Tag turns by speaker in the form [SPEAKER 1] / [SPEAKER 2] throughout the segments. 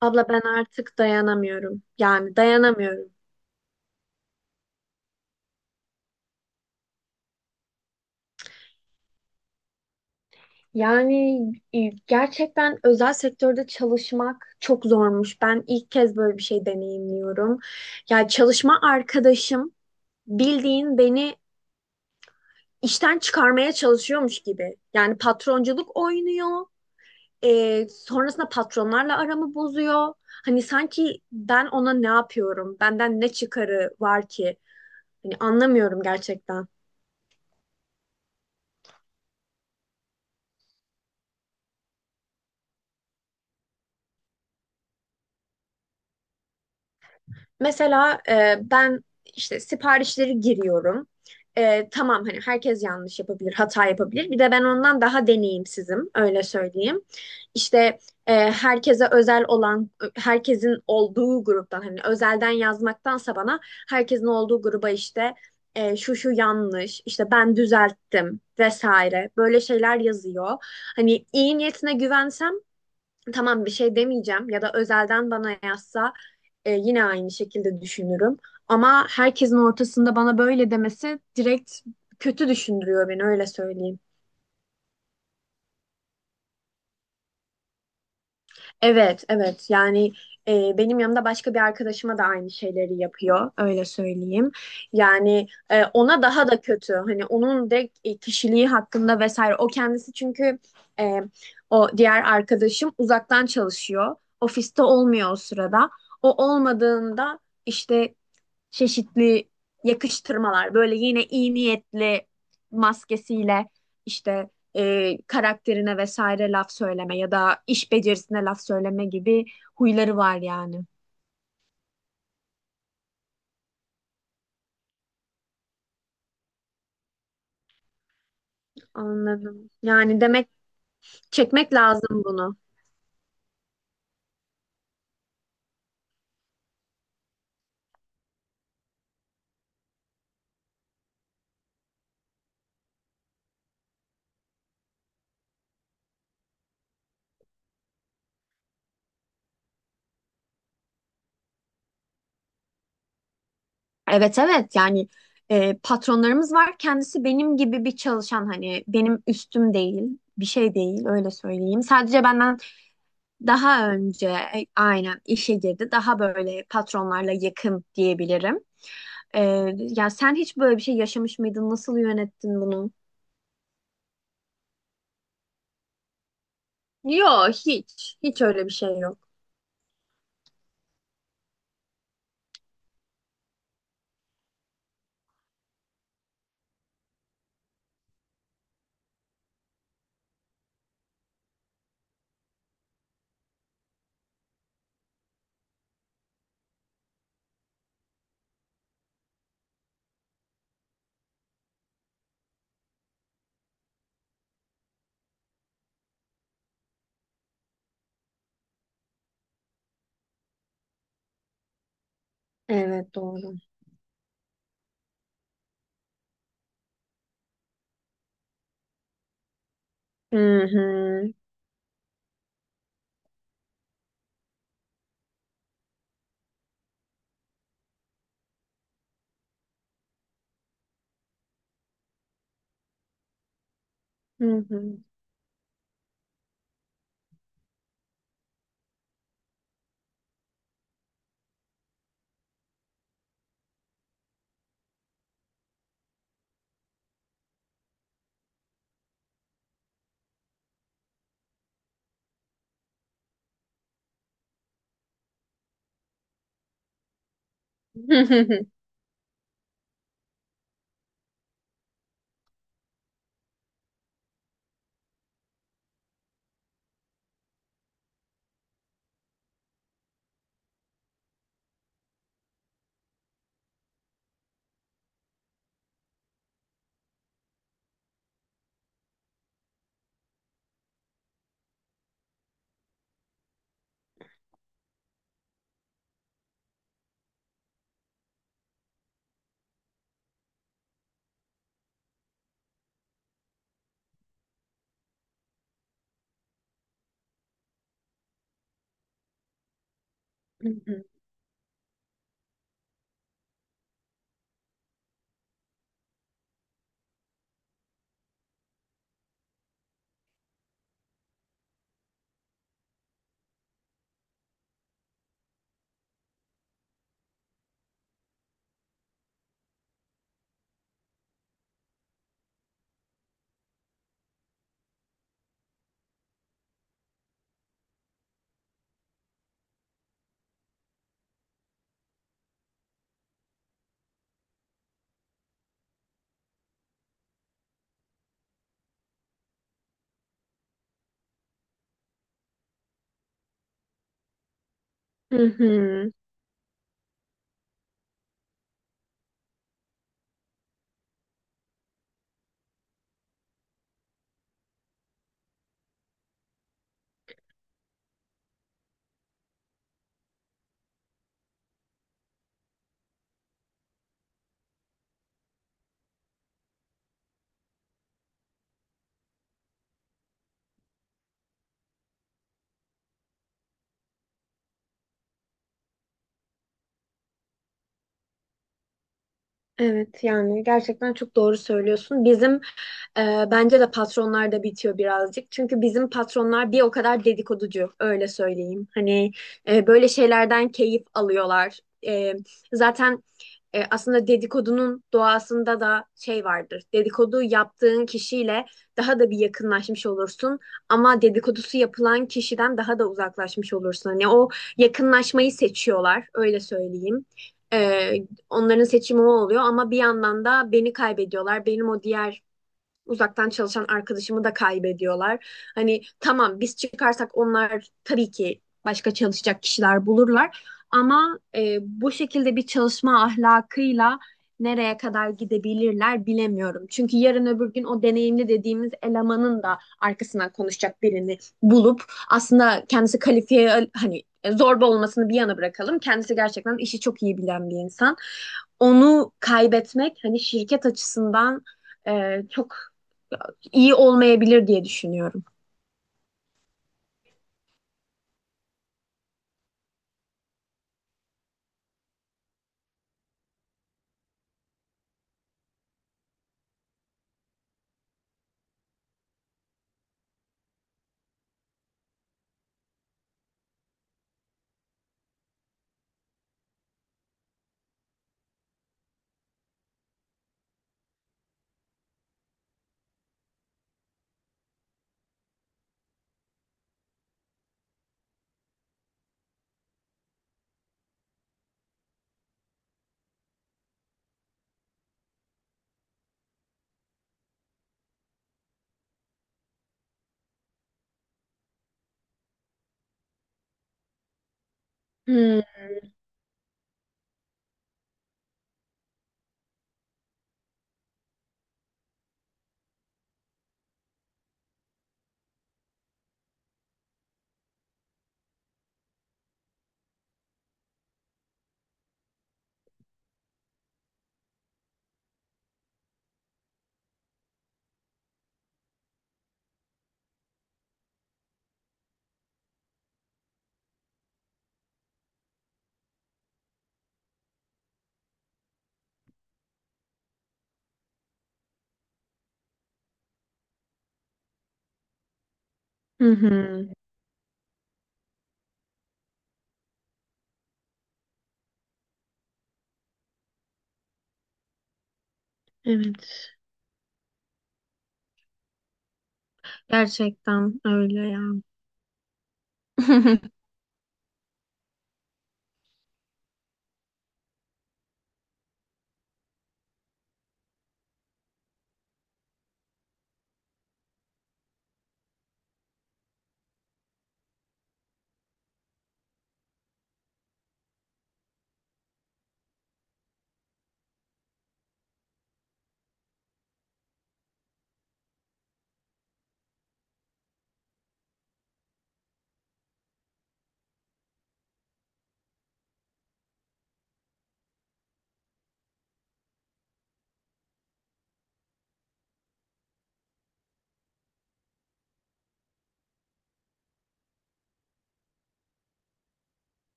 [SPEAKER 1] Abla ben artık dayanamıyorum. Yani dayanamıyorum. Yani e, gerçekten özel sektörde çalışmak çok zormuş. Ben ilk kez böyle bir şey deneyimliyorum. Yani çalışma arkadaşım bildiğin beni işten çıkarmaya çalışıyormuş gibi. Yani patronculuk oynuyor. Sonrasında patronlarla aramı bozuyor. Hani sanki ben ona ne yapıyorum? Benden ne çıkarı var ki? Hani anlamıyorum gerçekten. Mesela ben işte siparişleri giriyorum. E, tamam hani herkes yanlış yapabilir, hata yapabilir. Bir de ben ondan daha deneyimsizim, öyle söyleyeyim. İşte herkese özel olan, herkesin olduğu gruptan hani özelden yazmaktansa bana herkesin olduğu gruba işte şu şu yanlış, işte ben düzelttim vesaire böyle şeyler yazıyor. Hani iyi niyetine güvensem tamam bir şey demeyeceğim ya da özelden bana yazsa yine aynı şekilde düşünürüm. Ama herkesin ortasında bana böyle demesi direkt kötü düşündürüyor beni öyle söyleyeyim. Evet, evet. Yani benim yanımda başka bir arkadaşıma da aynı şeyleri yapıyor. Öyle söyleyeyim. Yani ona daha da kötü. Hani onun de kişiliği hakkında vesaire. O kendisi çünkü e, o diğer arkadaşım uzaktan çalışıyor. Ofiste olmuyor o sırada. O olmadığında işte çeşitli yakıştırmalar böyle yine iyi niyetli maskesiyle işte karakterine vesaire laf söyleme ya da iş becerisine laf söyleme gibi huyları var yani. Anladım. Yani demek çekmek lazım bunu. Evet evet yani patronlarımız var. Kendisi benim gibi bir çalışan hani benim üstüm değil. Bir şey değil öyle söyleyeyim. Sadece benden daha önce aynen işe girdi. Daha böyle patronlarla yakın diyebilirim. E, Ya sen hiç böyle bir şey yaşamış mıydın? Nasıl yönettin bunu? Yok hiç. Hiç öyle bir şey yok. Evet, doğru. Hı hı. Hı hı. Hı hı. Hı hı. Evet, yani gerçekten çok doğru söylüyorsun. Bizim e, bence de patronlar da bitiyor birazcık. Çünkü bizim patronlar bir o kadar dedikoducu öyle söyleyeyim. Hani böyle şeylerden keyif alıyorlar. E, Zaten aslında dedikodunun doğasında da şey vardır. Dedikodu yaptığın kişiyle daha da bir yakınlaşmış olursun ama dedikodusu yapılan kişiden daha da uzaklaşmış olursun. Hani o yakınlaşmayı seçiyorlar, öyle söyleyeyim. E, Onların seçimi o oluyor ama bir yandan da beni kaybediyorlar. Benim o diğer uzaktan çalışan arkadaşımı da kaybediyorlar. Hani tamam biz çıkarsak onlar tabii ki başka çalışacak kişiler bulurlar. Ama bu şekilde bir çalışma ahlakıyla nereye kadar gidebilirler bilemiyorum. Çünkü yarın öbür gün o deneyimli dediğimiz elemanın da arkasından konuşacak birini bulup aslında kendisi kalifiye hani zorba olmasını bir yana bırakalım. Kendisi gerçekten işi çok iyi bilen bir insan. Onu kaybetmek hani şirket açısından çok iyi olmayabilir diye düşünüyorum. Hı hı. Hı. Evet. Gerçekten öyle ya.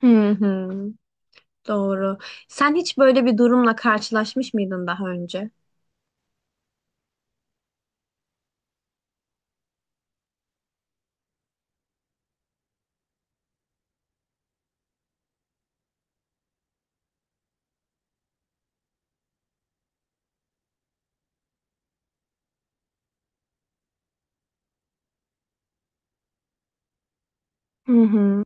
[SPEAKER 1] Hı hı. Doğru. Sen hiç böyle bir durumla karşılaşmış mıydın daha önce? Hı hı.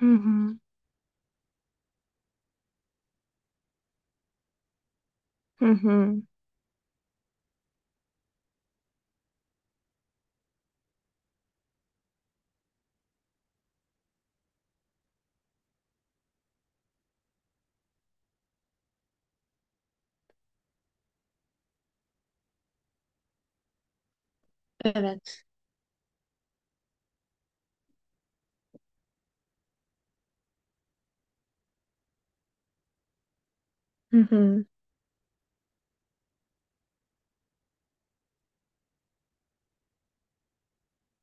[SPEAKER 1] Hı hı. Hı hı. Evet. Hı hı.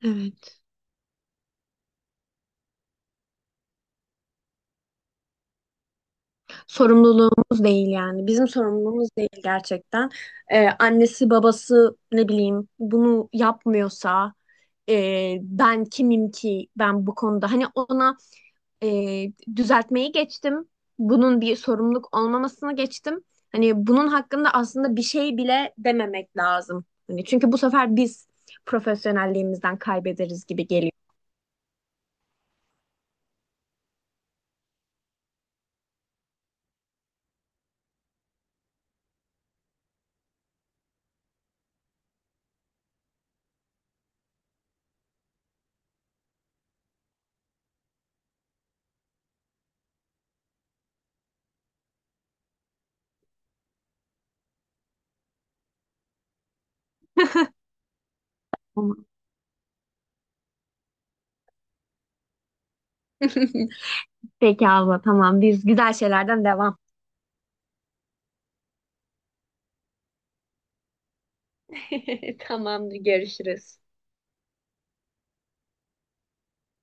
[SPEAKER 1] Evet. Sorumluluğumuz değil yani. Bizim sorumluluğumuz değil gerçekten. Annesi babası ne bileyim bunu yapmıyorsa ben kimim ki ben bu konuda hani ona e, düzeltmeyi geçtim. Bunun bir sorumluluk olmamasını geçtim. Hani bunun hakkında aslında bir şey bile dememek lazım. Hani çünkü bu sefer biz profesyonelliğimizden kaybederiz gibi geliyor. Peki abla, tamam, biz güzel şeylerden devam. Tamamdır, görüşürüz.